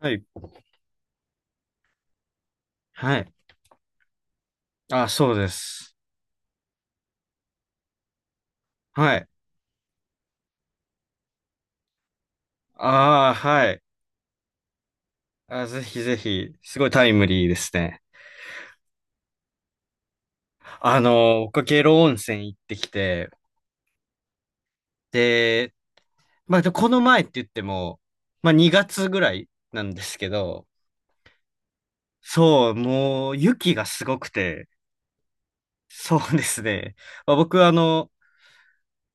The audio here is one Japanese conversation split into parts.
はい。はい。あ、そうです。はい。ああ、はい。あ、ぜひぜひ、すごいタイムリーですね。僕、下呂温泉行ってきて、で、まあ、この前って言っても、まあ、2月ぐらいなんですけど、そう、もう、雪がすごくて、そうですね。まあ、僕、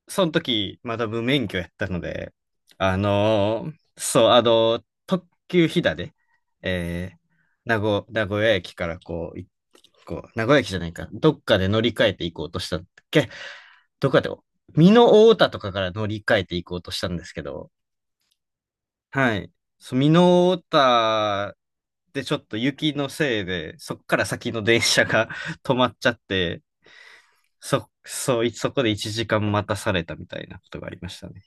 その時、まだ無免許やったので、あのそう、特急ひだで、えー、名古屋駅からこう、こう、名古屋駅じゃないか、どっかで乗り換えていこうとしたんだっけ、どっかで、美濃太田とかから乗り換えていこうとしたんですけど、はい。そう、美濃太田でちょっと雪のせいで、そっから先の電車が 止まっちゃって、そう、そこで1時間待たされたみたいなことがありましたね。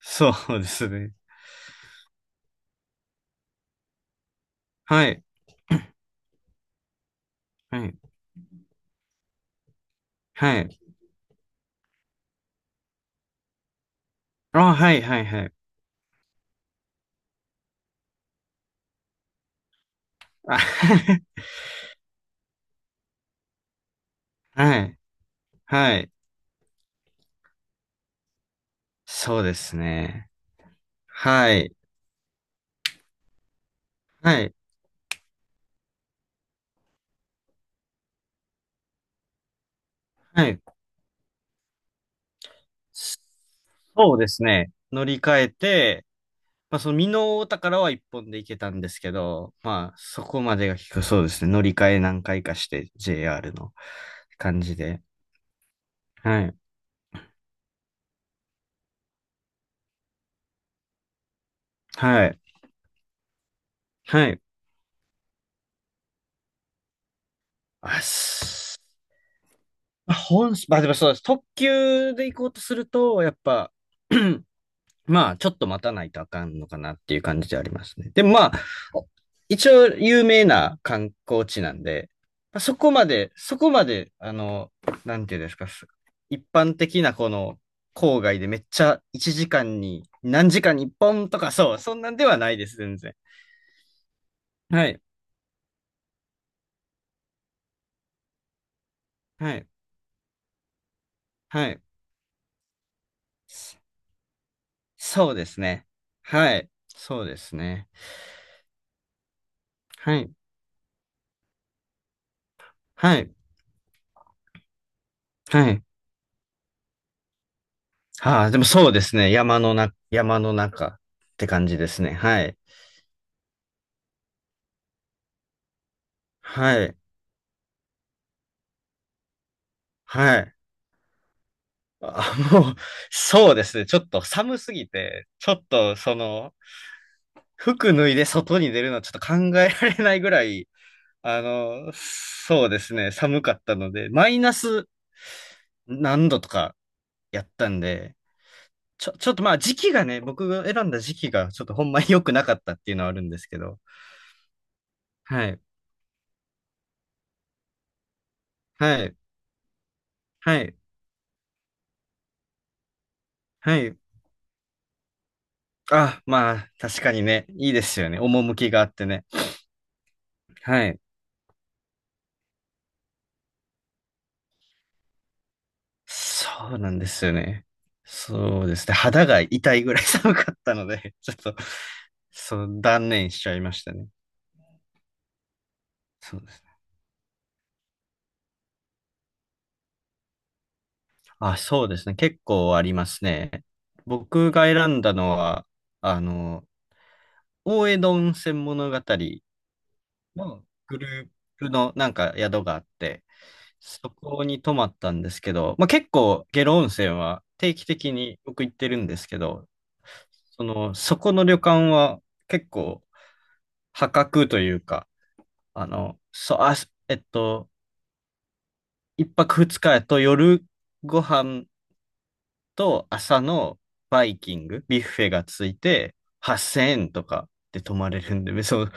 そうですね。はい。はい。はい。あ、はい、はい、はい。あ はい。はい。そうですね。はい。はい。はい。そうですね。乗り換えて、まあ、その美濃太田からは一本で行けたんですけど、まあ、そこまでが結構そうですね。乗り換え何回かして、JR の感じで。はい。はい。はい。あ、すまあ、本、まあ、でもそうです。特急で行こうとすると、やっぱ、まあ、ちょっと待たないとあかんのかなっていう感じでありますね。でもまあ、一応有名な観光地なんで、そこまで、なんていうんですか、一般的なこの郊外でめっちゃ1時間に何時間に1本とかそう、そんなんではないです、全然。はい、はい、はい。そそうですね。はい、そうですね。はい、はい、はい。ああ、でもそうですね。山の中って感じですね。はい。はい。はい。あ、もう、そうですね。ちょっと寒すぎて、ちょっとその、服脱いで外に出るのはちょっと考えられないぐらい、そうですね。寒かったので、マイナス何度とかやったんで、ちょっとまあ時期がね、僕が選んだ時期がちょっとほんまに良くなかったっていうのはあるんですけど、はい。はい。はい。はい。あ、まあ、確かにね、いいですよね。趣があってね。はい。そうなんですよね。そうですね。肌が痛いぐらい 寒かったので、ちょっと、そう、断念しちゃいましたね。そうですね。あ、そうですね。結構ありますね。僕が選んだのは、あの、大江戸温泉物語のグループのなんか宿があって、そこに泊まったんですけど、まあ、結構下呂温泉は定期的に僕行ってるんですけど、そこの旅館は結構破格というか、そう、えっと、一泊二日やと夜ご飯と朝のバイキング、ビュッフェがついて8000円とかで泊まれるんで、めそう、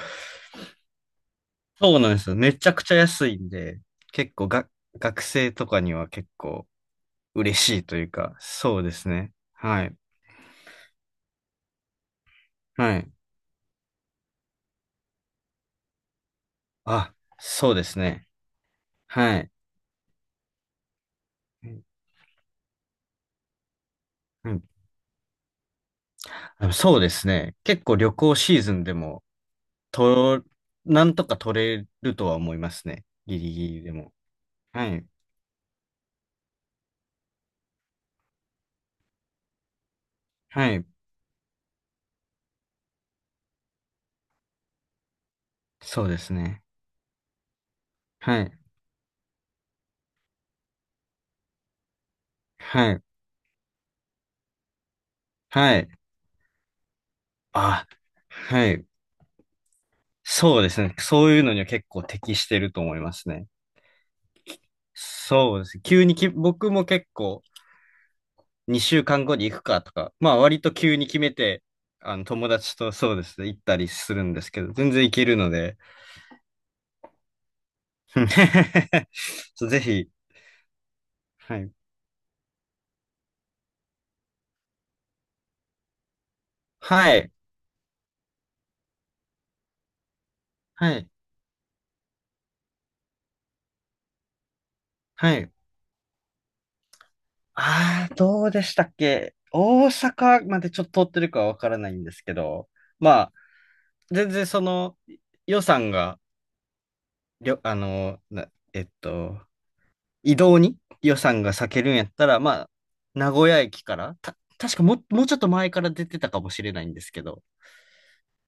そうなんですよ。めちゃくちゃ安いんで、結構が、学生とかには結構嬉しいというか、そうですね。はい。はい。あ、そうですね。はい。うん、そうですね。結構旅行シーズンでも、と、なんとか取れるとは思いますね。ギリギリでも。はい。はい。そうですね。はい。はい。はい。あ、はい。そうですね。そういうのには結構適してると思いますね。そうです。急に僕も結構2週間後に行くかとか、まあ割と急に決めて、あの友達とそうですね、行ったりするんですけど、全然行けるので、そうぜひ、はい。はい。はい。はい。ああ、どうでしたっけ大阪までちょっと通ってるかはわからないんですけど、まあ、全然その予算が、りょ、あの、な、えっと、移動に予算が割けるんやったら、まあ、名古屋駅から、確かもうちょっと前から出てたかもしれないんですけど、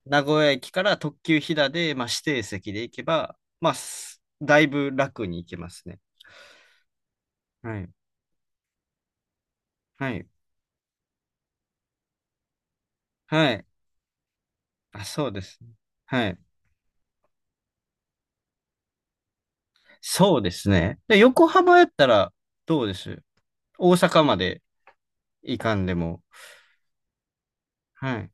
名古屋駅から特急ひだで、まあ、指定席で行けば、まあ、だいぶ楽に行けますね。はい。はい。はい。あ、そうですね。はい。そうですね。で、横浜やったらどうです、大阪まで行かんでも。はい。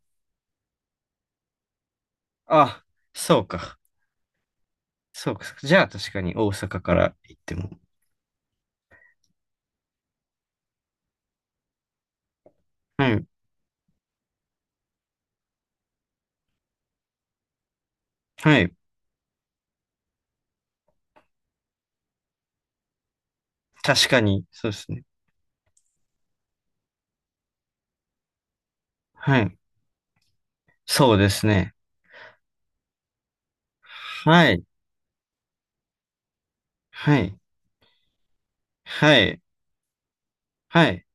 あ、そうか。そうか。じゃあ確かに大阪から行っても。はい。はい。確かに。そうですね。はい。そうですね。はい。はい。はい。はい。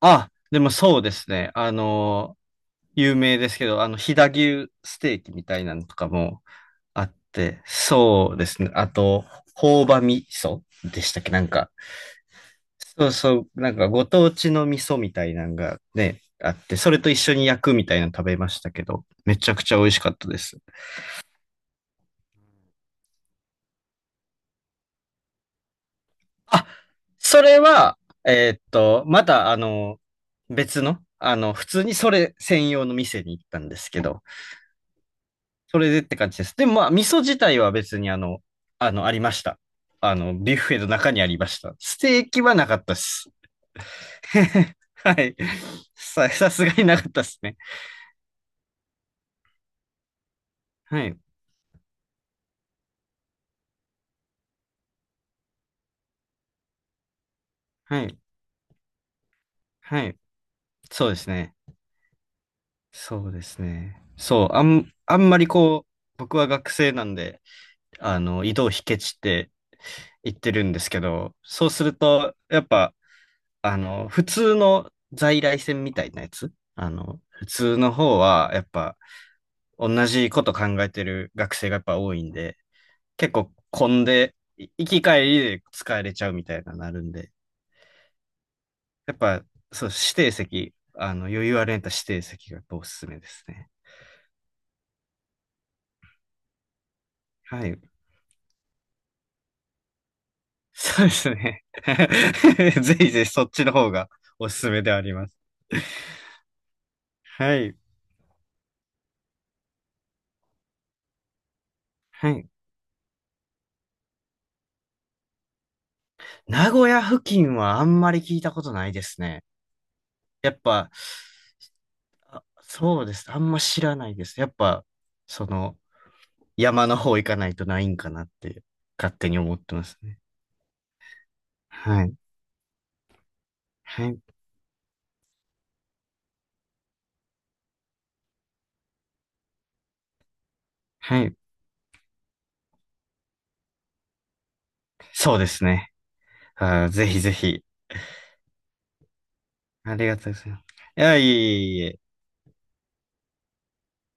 あ、でもそうですね。有名ですけど、飛騨牛ステーキみたいなのとかもあって、そうですね。あと、朴葉味噌でしたっけなんか、そうそう、なんかご当地の味噌みたいなのがね、あって、それと一緒に焼くみたいなの食べましたけど、めちゃくちゃ美味しかったです。あ、それは、また別の、普通にそれ専用の店に行ったんですけど、それでって感じです。でもまあ、味噌自体は別にありました。ビュッフェの中にありました。ステーキはなかったです。はい。さすがになかったですね。はい。はい。はい。そうですね。そうですね。そう、あんまりこう、僕は学生なんで、移動費ケチって言ってるんですけど、そうすると、やっぱ、普通の在来線みたいなやつ、普通の方は、やっぱ、同じこと考えてる学生がやっぱ多いんで、結構混んで、行き帰りで使えれちゃうみたいななるんで、やっぱ、そう、指定席、余裕あるんやったら指定席がやっぱおすすめですね。はい。そうですね。ぜひぜひそっちの方がおすすめではあります。はい。はい。名古屋付近はあんまり聞いたことないですね。やっぱ、そうです。あんま知らないです。やっぱ、その、山の方行かないとないんかなって勝手に思ってますね。はい。はい。はい。そうですね。ぜひぜひ。ありがとうございます。いや、いえいえいえ。